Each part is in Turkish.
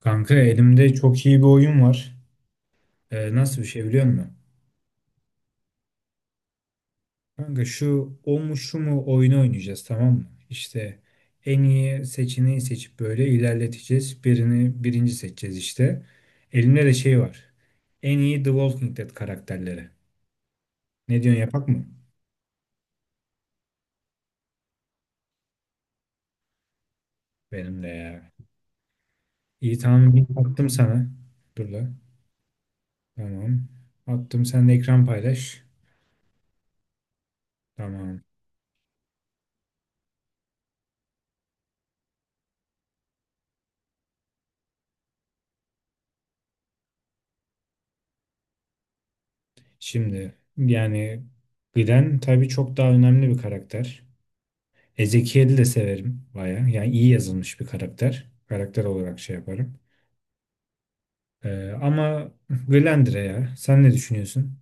Kanka elimde çok iyi bir oyun var. Nasıl bir şey biliyor musun? Kanka şu o mu şu mu oyunu oynayacağız, tamam mı? İşte en iyi seçeneği seçip böyle ilerleteceğiz. Birini birinci seçeceğiz işte. Elimde de şey var. En iyi The Walking Dead karakterleri. Ne diyorsun, yapak mı? Benim de ya. İyi tamam, link attım sana. Dur la. Tamam. Attım, sen de ekran paylaş. Tamam. Şimdi yani Glenn tabii çok daha önemli bir karakter. Ezekiel'i de severim baya. Yani iyi yazılmış bir karakter. Karakter olarak şey yaparım. Ama Glendra'ya ya. Sen ne düşünüyorsun?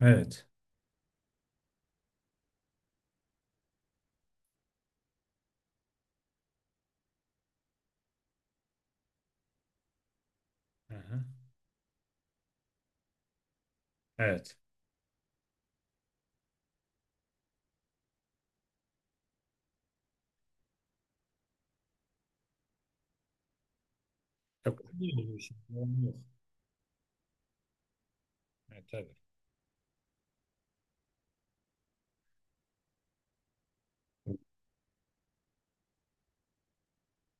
Evet. Aha. Evet. Yok. İyi olmuş. Yalan yok. Evet, tabii.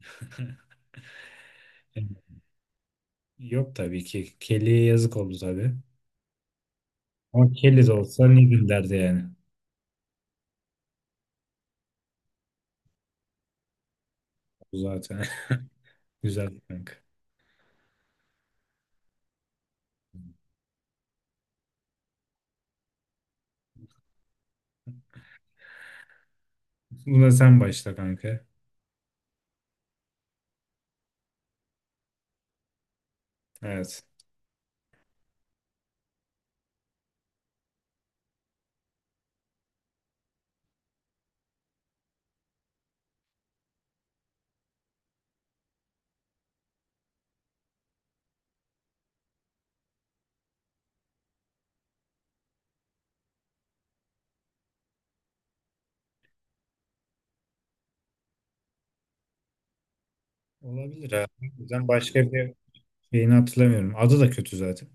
Yani yok tabii ki. Kelly'ye yazık oldu tabii. Ama Kelly de olsa ne gün derdi yani. Bu zaten. Güzel kanka. Buna sen başla kanka. Evet. Olabilir ha. Ben başka bir şeyini hatırlamıyorum. Adı da kötü zaten.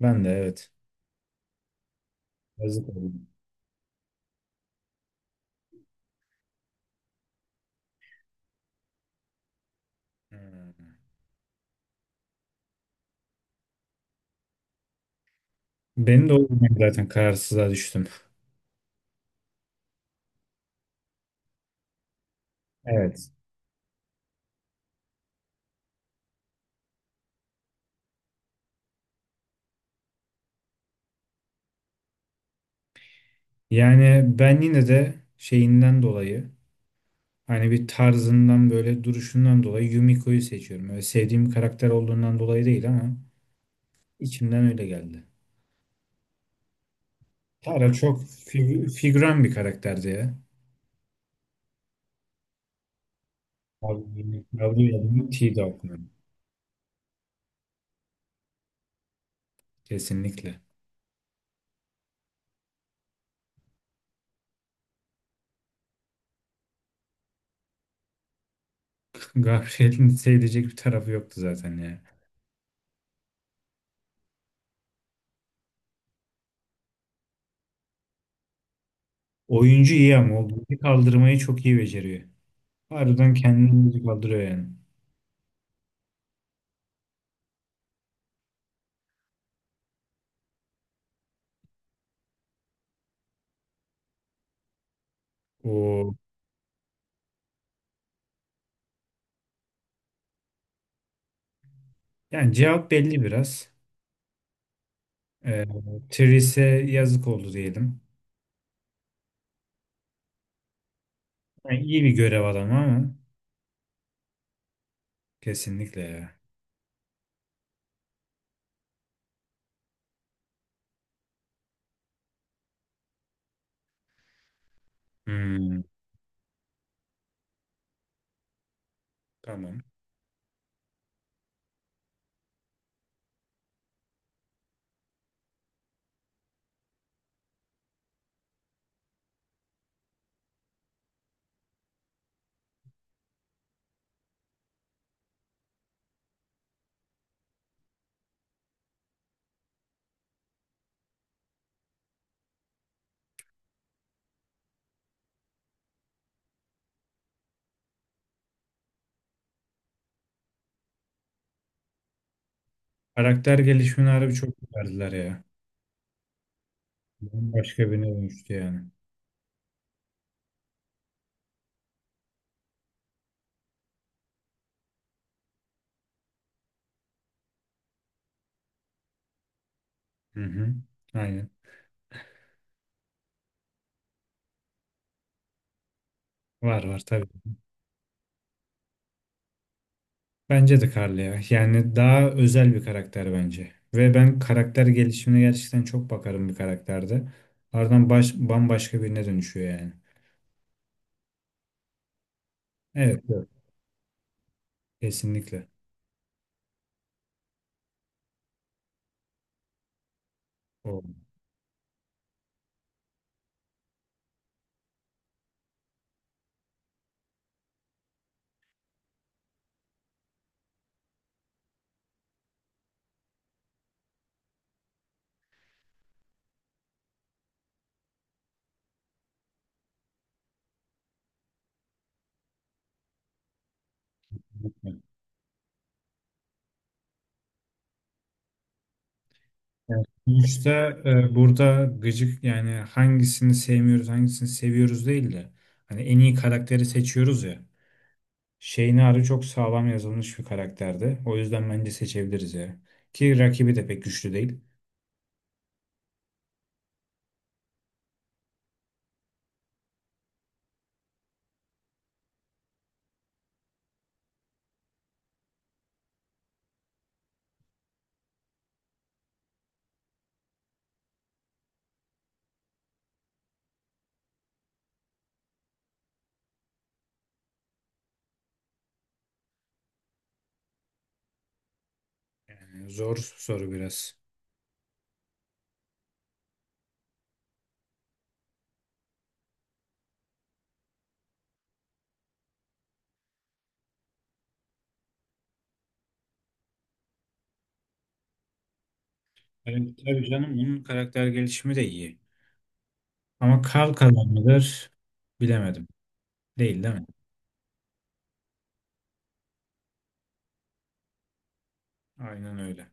Ben de evet. Yazık oldu. Hmm. Ben de o yüzden zaten kararsızlığa düştüm. Evet. Yani ben yine de şeyinden dolayı hani bir tarzından böyle duruşundan dolayı Yumiko'yu seçiyorum. Öyle sevdiğim karakter olduğundan dolayı değil ama içimden öyle geldi. Tara çok figüran bir karakterdi ya. Gabriel'in T-Dog'un. Kesinlikle. Gabriel'in sevilecek bir tarafı yoktu zaten ya. Oyuncu iyi ama o bizi kaldırmayı çok iyi beceriyor. Harbiden kendini bizi kaldırıyor yani. O. Yani cevap belli biraz. Ee, Therese yazık oldu diyelim. Yani iyi bir görev adamı ama kesinlikle ya. Hmm, tamam. Karakter gelişimini harbi çok verdiler ya. Başka birine dönüştü yani. Hı hı. Aynen. Var var tabii. Bence de Carly ya. Yani daha özel bir karakter bence. Ve ben karakter gelişimine gerçekten çok bakarım bir karakterde. Ardından baş, bambaşka birine dönüşüyor yani. Evet, evet. Kesinlikle. O. Evet. Sonuçta burada gıcık yani hangisini sevmiyoruz, hangisini seviyoruz değil de hani en iyi karakteri seçiyoruz ya. Şeynari çok sağlam yazılmış bir karakterdi. O yüzden bence seçebiliriz ya. Ki rakibi de pek güçlü değil. Yani zor soru biraz. Evet, tabii canım onun karakter gelişimi de iyi. Ama kalan mıdır? Bilemedim. Değil değil mi? Aynen öyle.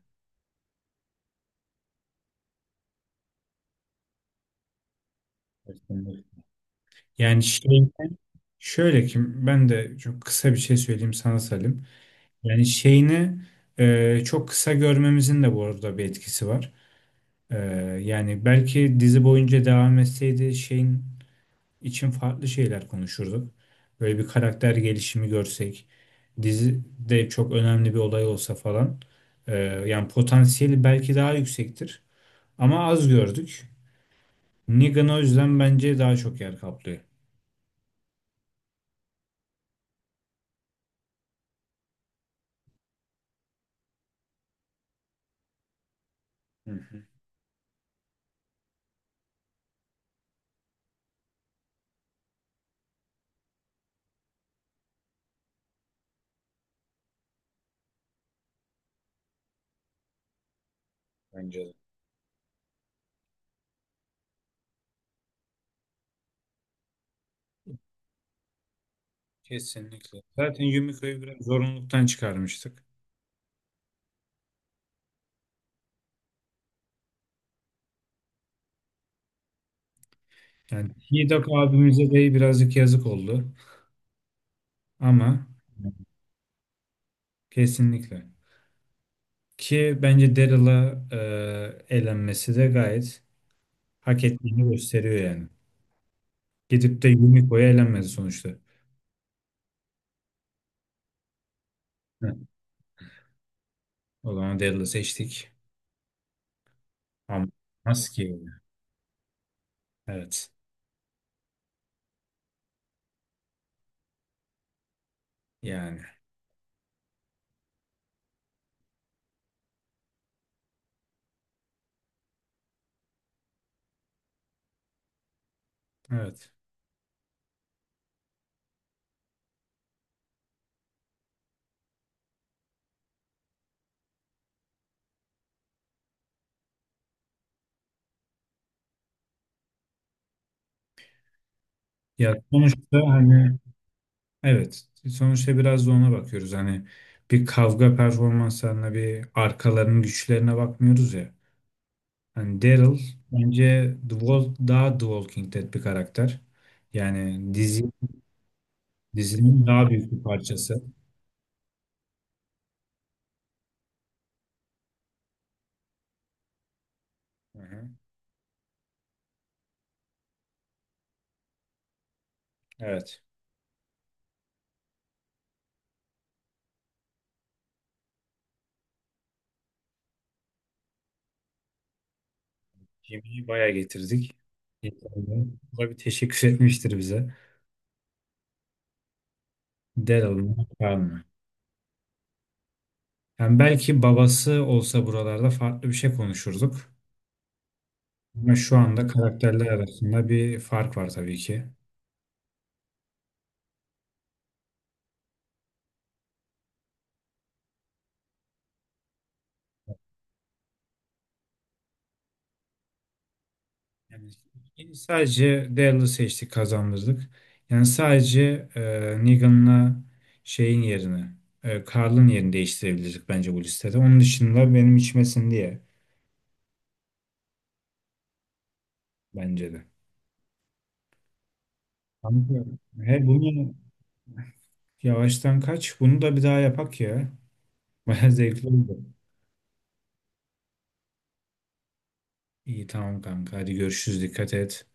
Yani şey, şöyle ki ben de çok kısa bir şey söyleyeyim sana Salim. Yani şeyini çok kısa görmemizin de bu arada bir etkisi var. E, Yani belki dizi boyunca devam etseydi şeyin için farklı şeyler konuşurduk. Böyle bir karakter gelişimi görsek, dizide çok önemli bir olay olsa falan. Yani potansiyeli belki daha yüksektir ama az gördük. Negan o yüzden bence daha çok yer kaplıyor. Hı hı, bence de. Kesinlikle. Zaten Yumiko'yu biraz zorunluluktan çıkarmıştık. Yani Hidak abimize de birazcık yazık oldu ama kesinlikle. Ki bence Daryl'a elenmesi de gayet hak ettiğini gösteriyor yani. Gidip de Yumiko'ya elenmedi sonuçta. Heh, o zaman Daryl'ı seçtik. Ama maske. Evet. Yani. Evet. Ya sonuçta hani evet. Sonuçta biraz da ona bakıyoruz. Hani bir kavga performanslarına bir arkalarının güçlerine bakmıyoruz ya. Yani Daryl bence daha The Walking Dead bir karakter. Yani dizinin daha büyük bir parçası. Hı hı. Evet. Jimmy'yi bayağı getirdik. Yeterli. Bu da bir teşekkür etmiştir bize. Daryl mı? Carl mı? Yani belki babası olsa buralarda farklı bir şey konuşurduk. Ama şu anda karakterler arasında bir fark var tabii ki. Yani sadece Dell'ı seçtik, kazandırdık. Yani sadece Negan'la şeyin yerine Carl'ın yerini değiştirebilirdik bence bu listede. Onun dışında benim içmesin diye bence de. Kanka, he bunu yavaştan kaç. Bunu da bir daha yapak ya. Baya zevkli oldu. İyi tamam kanka. Hadi görüşürüz. Dikkat et.